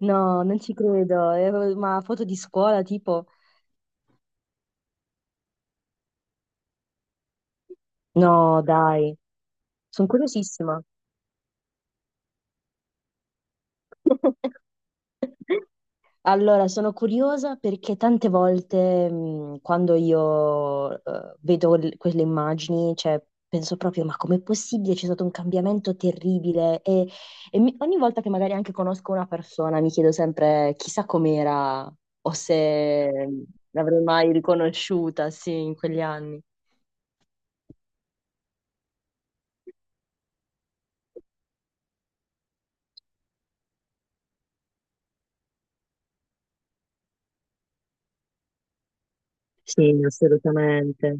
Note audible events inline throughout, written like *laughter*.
No, non ci credo. Ma foto di scuola, tipo? No, dai, sono curiosissima. *laughs* Allora, sono curiosa perché tante volte quando io vedo quelle immagini, cioè, penso proprio, ma com'è possibile? C'è stato un cambiamento terribile e ogni volta che magari anche conosco una persona mi chiedo sempre chissà com'era o se l'avrei mai riconosciuta, sì, in quegli anni. Sì, assolutamente,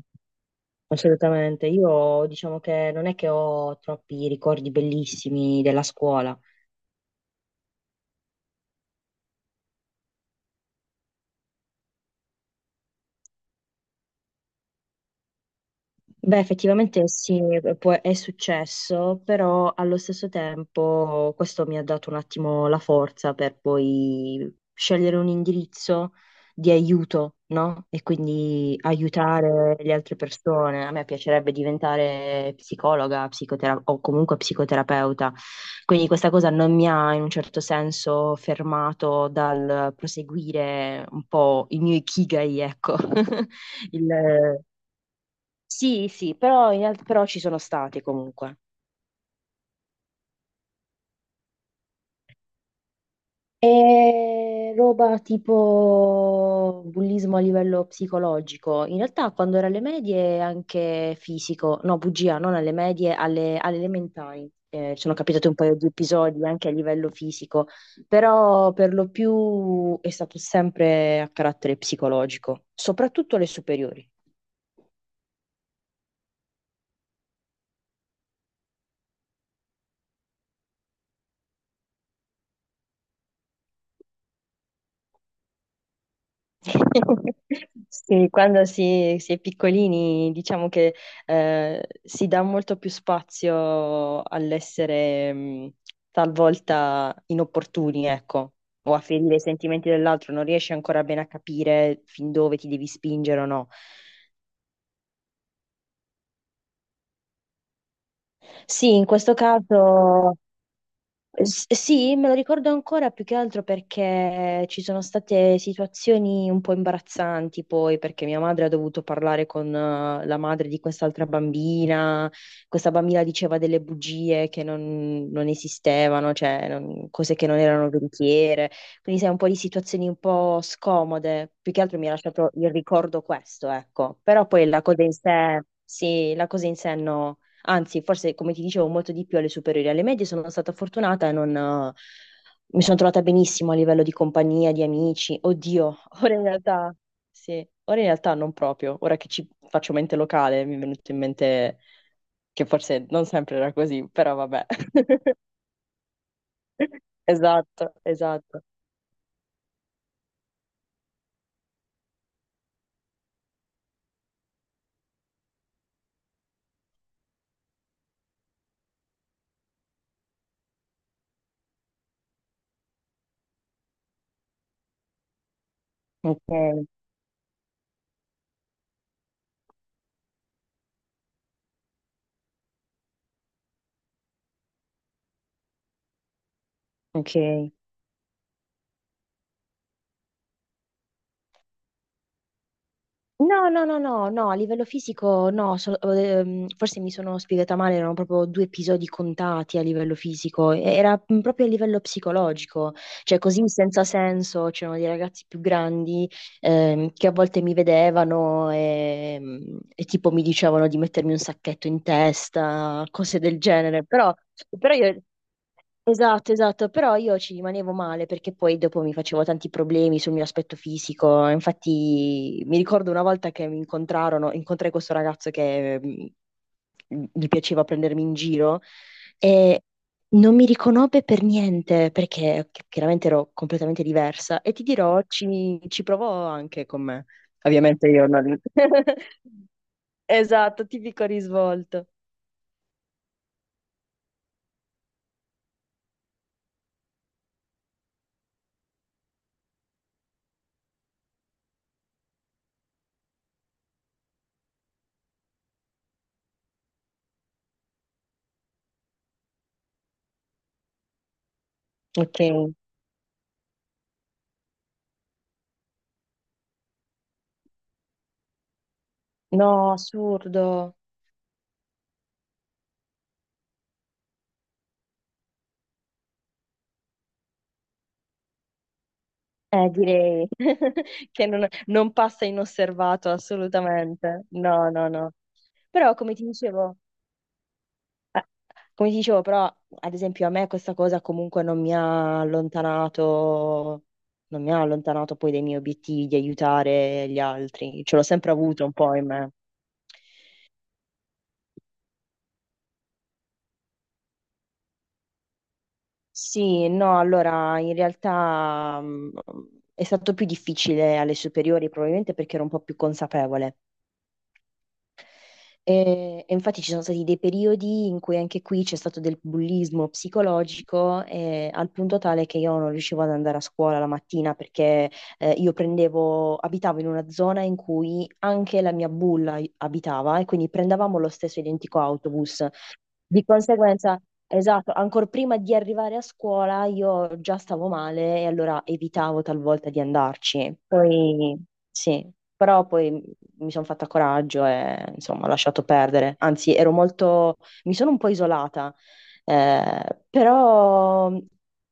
assolutamente. Io diciamo che non è che ho troppi ricordi bellissimi della scuola. Beh, effettivamente sì, è successo, però allo stesso tempo questo mi ha dato un attimo la forza per poi scegliere un indirizzo di aiuto, no? E quindi aiutare le altre persone. A me piacerebbe diventare psicologa, o comunque psicoterapeuta. Quindi questa cosa non mi ha in un certo senso fermato dal proseguire un po' il mio ikigai, ecco. *laughs* il, sì, sì, però ci sono stati comunque. È roba tipo bullismo a livello psicologico. In realtà quando ero alle medie anche fisico, no, bugia, non alle medie, alle elementari. Ci sono capitati un paio di episodi anche a livello fisico, però per lo più è stato sempre a carattere psicologico, soprattutto alle superiori. *laughs* Sì, quando si è piccolini diciamo che si dà molto più spazio all'essere talvolta inopportuni, ecco, o a ferire i sentimenti dell'altro, non riesci ancora bene a capire fin dove ti devi spingere o no. Sì, in questo caso. Sì, me lo ricordo ancora più che altro perché ci sono state situazioni un po' imbarazzanti poi, perché mia madre ha dovuto parlare con la madre di quest'altra bambina. Questa bambina diceva delle bugie che non esistevano, cioè cose che non erano veritiere, quindi sai un po' di situazioni un po' scomode. Più che altro mi ha lasciato il ricordo questo, ecco, però poi la cosa in sé, sì, la cosa in sé no. Anzi, forse come ti dicevo, molto di più alle superiori. Alle medie sono stata fortunata e non, mi sono trovata benissimo a livello di compagnia, di amici. Oddio, *laughs* ora in realtà, sì, ora in realtà non proprio. Ora che ci faccio mente locale, mi è venuto in mente che forse non sempre era così, però vabbè. *laughs* Esatto, esatto. Ok, ok. No, no, no, no, no, a livello fisico no, forse mi sono spiegata male, erano proprio due episodi contati a livello fisico, era proprio a livello psicologico, cioè così senza senso, c'erano dei ragazzi più grandi, che a volte mi vedevano e tipo mi dicevano di mettermi un sacchetto in testa, cose del genere, però, però io... Esatto, esatto, però io ci rimanevo male perché poi dopo mi facevo tanti problemi sul mio aspetto fisico. Infatti mi ricordo una volta che mi incontrai questo ragazzo che, gli piaceva prendermi in giro e non mi riconobbe per niente perché chiaramente ero completamente diversa e ti dirò, ci provò anche con me. Ovviamente io non. *laughs* Esatto, tipico risvolto. Ok. No, assurdo. Direi *laughs* che non passa inosservato assolutamente. No, no, no. Però, eh, come ti dicevo, però, ad esempio, a me questa cosa comunque non mi ha allontanato, non mi ha allontanato poi dai miei obiettivi di aiutare gli altri. Ce l'ho sempre avuto un po' in me. Sì, no, allora in realtà, è stato più difficile alle superiori, probabilmente perché ero un po' più consapevole. E infatti ci sono stati dei periodi in cui anche qui c'è stato del bullismo psicologico, al punto tale che io non riuscivo ad andare a scuola la mattina perché, io abitavo in una zona in cui anche la mia bulla abitava e quindi prendevamo lo stesso identico autobus. Di conseguenza, esatto, ancora prima di arrivare a scuola io già stavo male e allora evitavo talvolta di andarci. Poi sì, però poi mi sono fatta coraggio e insomma ho lasciato perdere. Anzi, ero molto, mi sono un po' isolata, però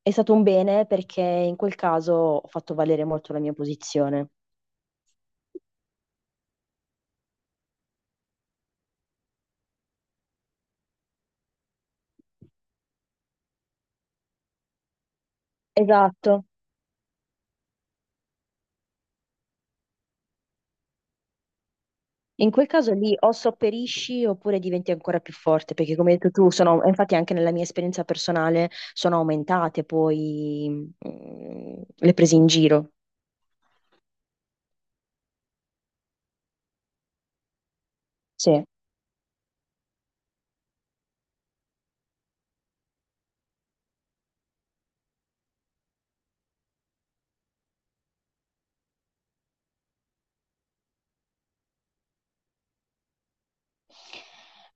è stato un bene perché in quel caso ho fatto valere molto la mia posizione. Esatto. In quel caso lì o sopperisci oppure diventi ancora più forte, perché come hai detto tu, infatti anche nella mia esperienza personale sono aumentate poi, le prese in giro. Sì.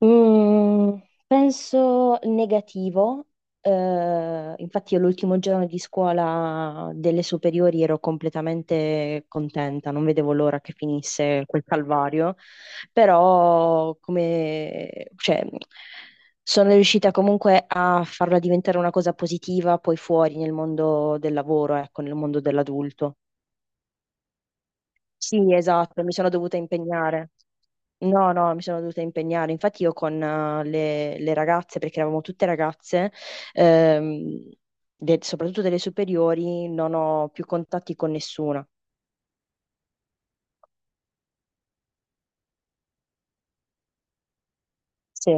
Mm, Penso negativo. Infatti, io l'ultimo giorno di scuola delle superiori ero completamente contenta, non vedevo l'ora che finisse quel calvario, però cioè, sono riuscita comunque a farla diventare una cosa positiva poi fuori nel mondo del lavoro, ecco, nel mondo dell'adulto. Sì, esatto, mi sono dovuta impegnare. No, no, mi sono dovuta impegnare. Infatti io con, le ragazze, perché eravamo tutte ragazze, ehm, soprattutto delle superiori, non ho più contatti con nessuna. Sì.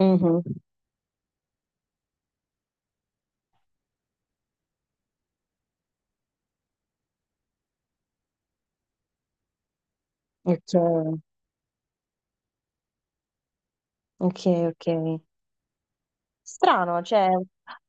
Mhm. Ok, ok, ok. Strano, cioè,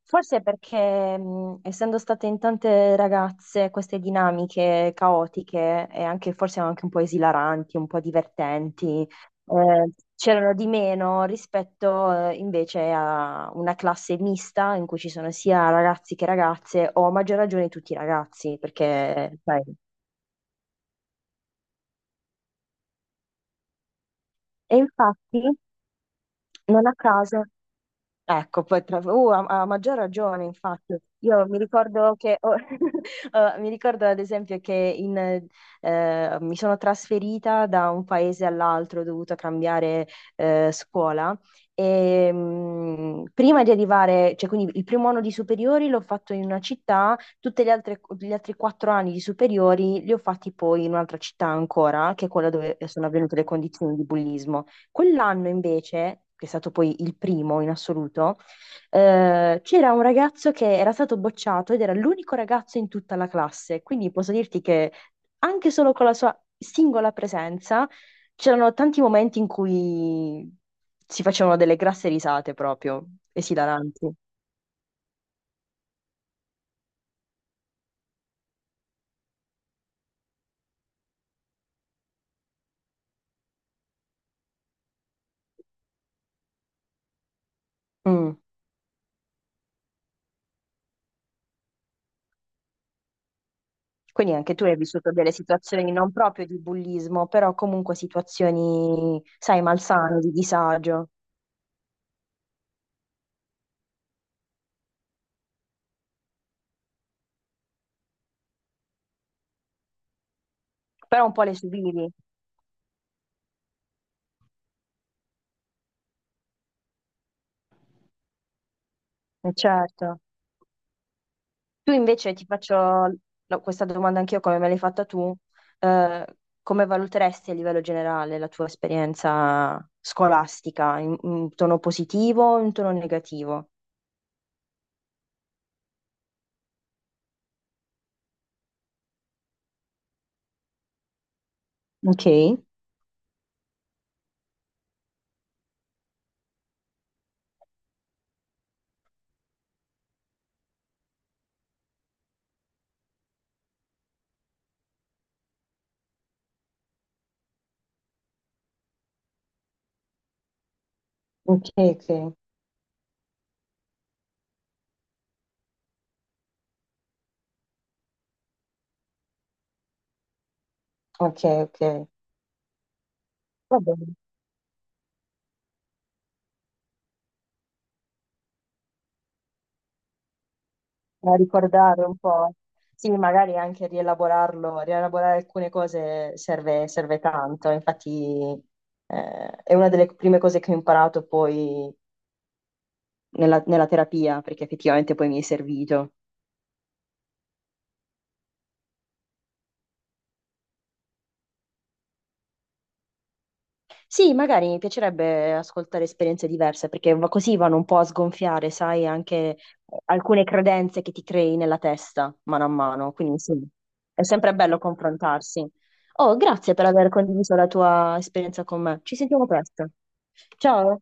forse perché, essendo state in tante ragazze queste dinamiche caotiche e anche forse anche un po' esilaranti, un po' divertenti, c'erano di meno rispetto, invece a una classe mista in cui ci sono sia ragazzi che ragazze, o a maggior ragione tutti i ragazzi, perché sai. E infatti, non a caso. Ecco, poi ha, ha maggior ragione, infatti. Io mi ricordo che, *laughs* oh, mi ricordo ad esempio che mi sono trasferita da un paese all'altro, ho dovuto cambiare scuola e, prima di arrivare, cioè quindi il primo anno di superiori l'ho fatto in una città, gli altri 4 anni di superiori li ho fatti poi in un'altra città ancora, che è quella dove sono avvenute le condizioni di bullismo. Quell'anno invece, che è stato poi il primo in assoluto, c'era un ragazzo che era stato bocciato ed era l'unico ragazzo in tutta la classe, quindi posso dirti che anche solo con la sua singola presenza c'erano tanti momenti in cui si facevano delle grasse risate proprio, esilaranti. Mm. Quindi anche tu hai vissuto delle situazioni non proprio di bullismo, però comunque situazioni, sai, malsane, di disagio, però un po' le subivi, certo. Tu invece ti faccio questa domanda anch'io come me l'hai fatta tu. Eh, come valuteresti a livello generale la tua esperienza scolastica, in tono positivo o in tono negativo? Ok, ok, ok, ok, ok. Va bene, a ricordare un po'. Sì, magari anche rielaborare alcune cose serve, serve tanto, infatti, è una delle prime cose che ho imparato poi nella terapia, perché effettivamente poi mi è servito. Sì, magari mi piacerebbe ascoltare esperienze diverse, perché così vanno un po' a sgonfiare, sai, anche alcune credenze che ti crei nella testa, mano a mano. Quindi sì, è sempre bello confrontarsi. Oh, grazie per aver condiviso la tua esperienza con me. Ci sentiamo presto. Ciao.